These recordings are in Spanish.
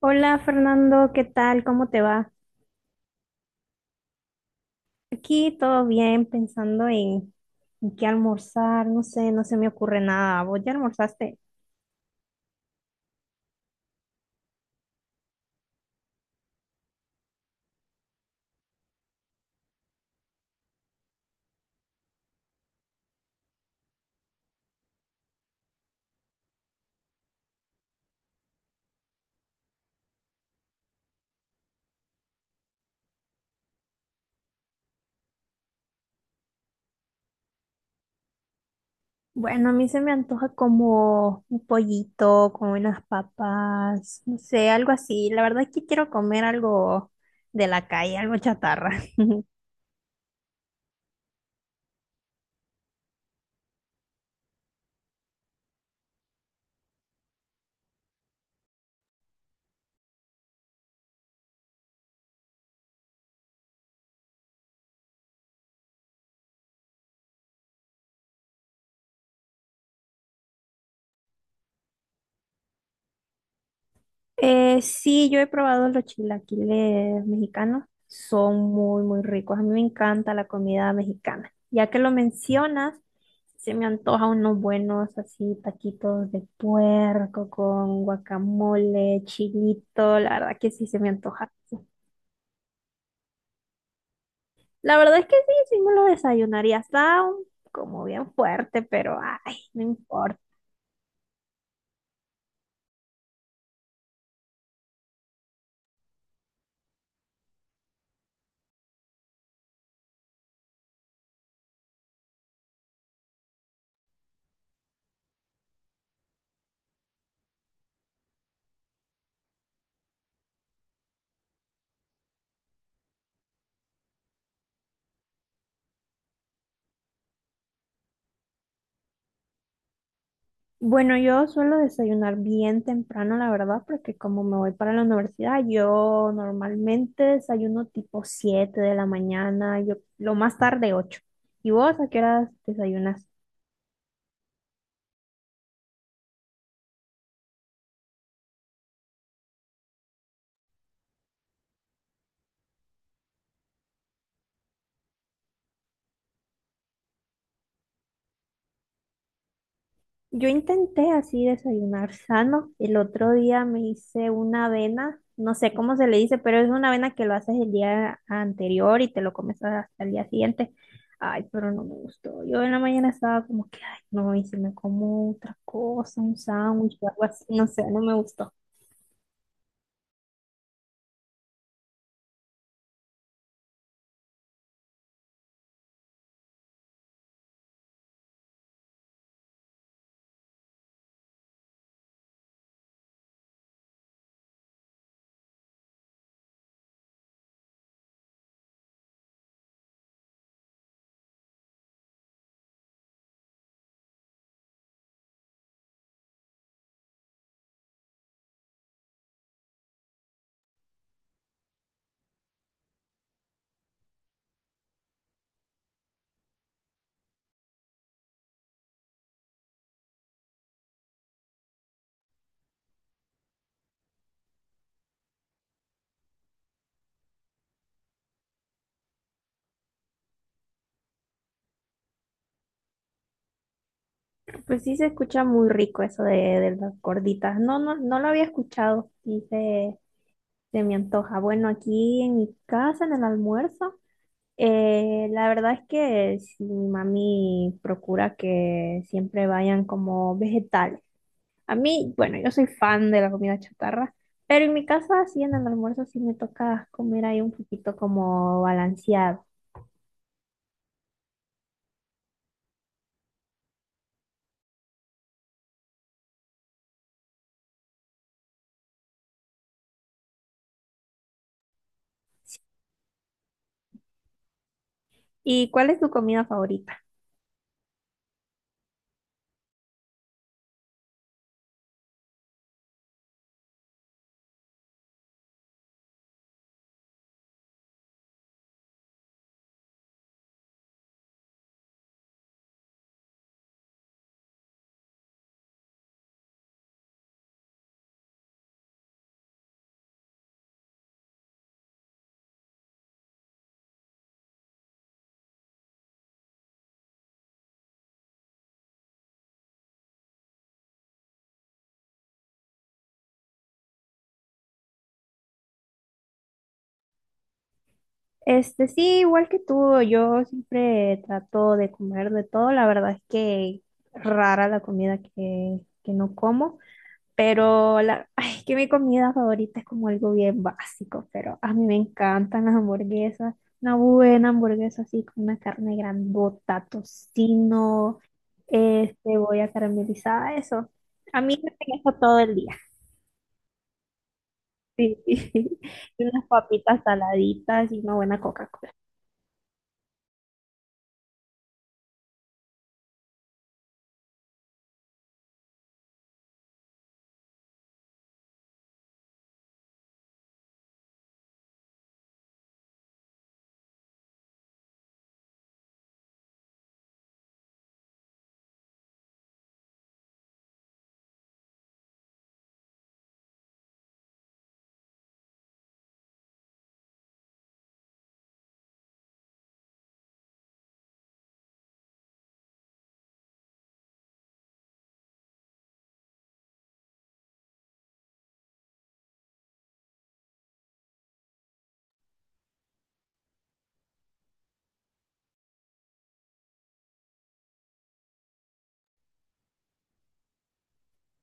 Hola Fernando, ¿qué tal? ¿Cómo te va? Aquí todo bien, pensando en qué almorzar, no sé, no se me ocurre nada. ¿Vos ya almorzaste? Bueno, a mí se me antoja como un pollito, como unas papas, no sé, algo así. La verdad es que quiero comer algo de la calle, algo chatarra. Sí, yo he probado los chilaquiles mexicanos. Son muy ricos. A mí me encanta la comida mexicana. Ya que lo mencionas, se me antoja unos buenos así taquitos de puerco con guacamole, chilito. La verdad que sí se me antoja. La verdad es que sí, sí me lo desayunaría. Como bien fuerte, pero ay, no importa. Bueno, yo suelo desayunar bien temprano, la verdad, porque como me voy para la universidad, yo normalmente desayuno tipo 7 de la mañana, yo lo más tarde 8. ¿Y vos a qué horas desayunas? Yo intenté así desayunar sano. El otro día me hice una avena, no sé cómo se le dice, pero es una avena que lo haces el día anterior y te lo comes hasta el día siguiente. Ay, pero no me gustó. Yo en la mañana estaba como que, ay, no, y si me como otra cosa, un sándwich o algo así, no sé, no me gustó. Pues sí se escucha muy rico eso de las gorditas. No, lo había escuchado y se me antoja. Bueno, aquí en mi casa, en el almuerzo. La verdad es que sí, mi mami procura que siempre vayan como vegetales. A mí, bueno, yo soy fan de la comida chatarra, pero en mi casa sí en el almuerzo sí me toca comer ahí un poquito como balanceado. ¿Y cuál es tu comida favorita? Sí, igual que tú, yo siempre trato de comer de todo. La verdad es que rara la comida que no como. Pero la, ay, es que mi comida favorita es como algo bien básico, pero a mí me encantan las hamburguesas. Una buena hamburguesa así con una carne grandota, tocino, cebolla caramelizada, eso. A mí me tengo eso todo el día. Sí, sí. Y unas papitas saladitas y una buena coca.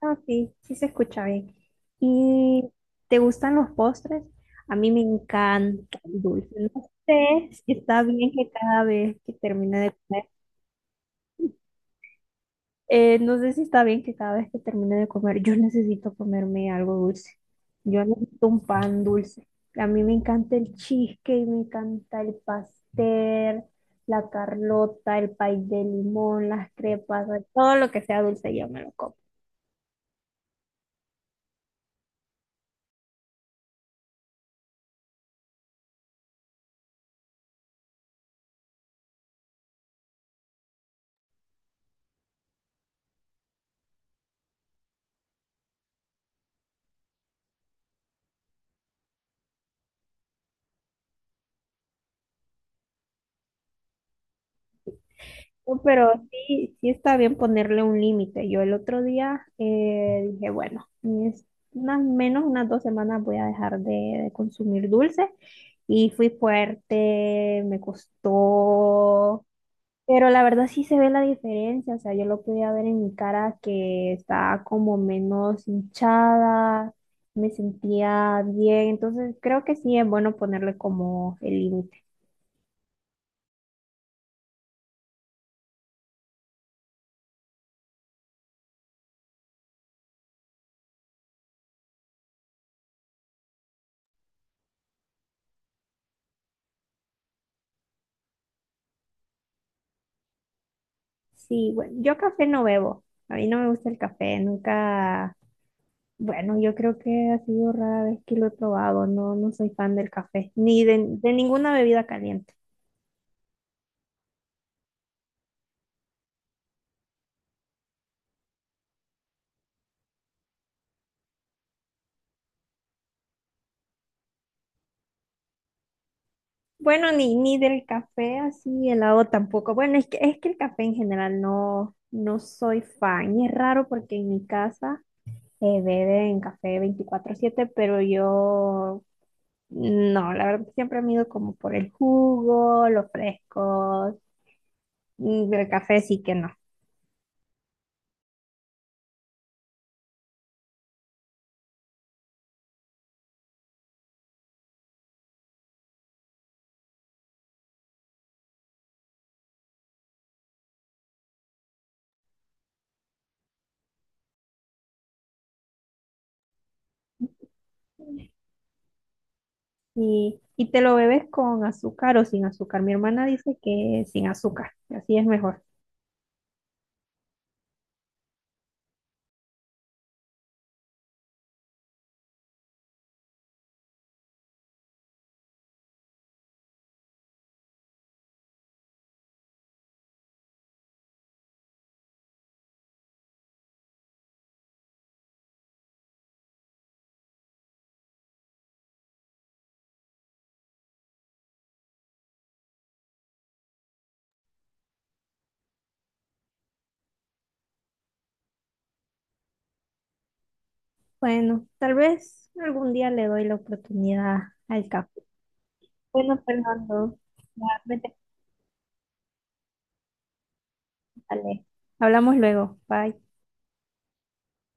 Ah, sí, sí se escucha bien. ¿Y te gustan los postres? A mí me encanta el dulce. No sé si está bien que cada vez que termine de comer, no sé si está bien que cada vez que termine de comer, yo necesito comerme algo dulce. Yo necesito un pan dulce. A mí me encanta el cheesecake, me encanta el pastel, la carlota, el pay de limón, las crepas, todo lo que sea dulce, yo me lo como. No, pero sí, sí está bien ponerle un límite. Yo el otro día dije, bueno, es unas 2 semanas voy a dejar de consumir dulce. Y fui fuerte, me costó. Pero la verdad sí se ve la diferencia. O sea, yo lo podía ver en mi cara que estaba como menos hinchada, me sentía bien. Entonces creo que sí es bueno ponerle como el límite. Sí, bueno, yo café no bebo. A mí no me gusta el café, nunca. Bueno, yo creo que ha sido rara vez que lo he probado. No, no soy fan del café, ni de ninguna bebida caliente. Bueno, ni del café así helado tampoco. Bueno, es que el café en general no, no soy fan. Y es raro porque en mi casa beben café 24/7, pero yo no, la verdad siempre me he ido como por el jugo, los frescos, mm, el café sí que no. Y te lo bebes con azúcar o sin azúcar. Mi hermana dice que sin azúcar, que así es mejor. Bueno, tal vez algún día le doy la oportunidad al café. Bueno, Fernando, ya me tengo que salir. Hablamos luego. Bye.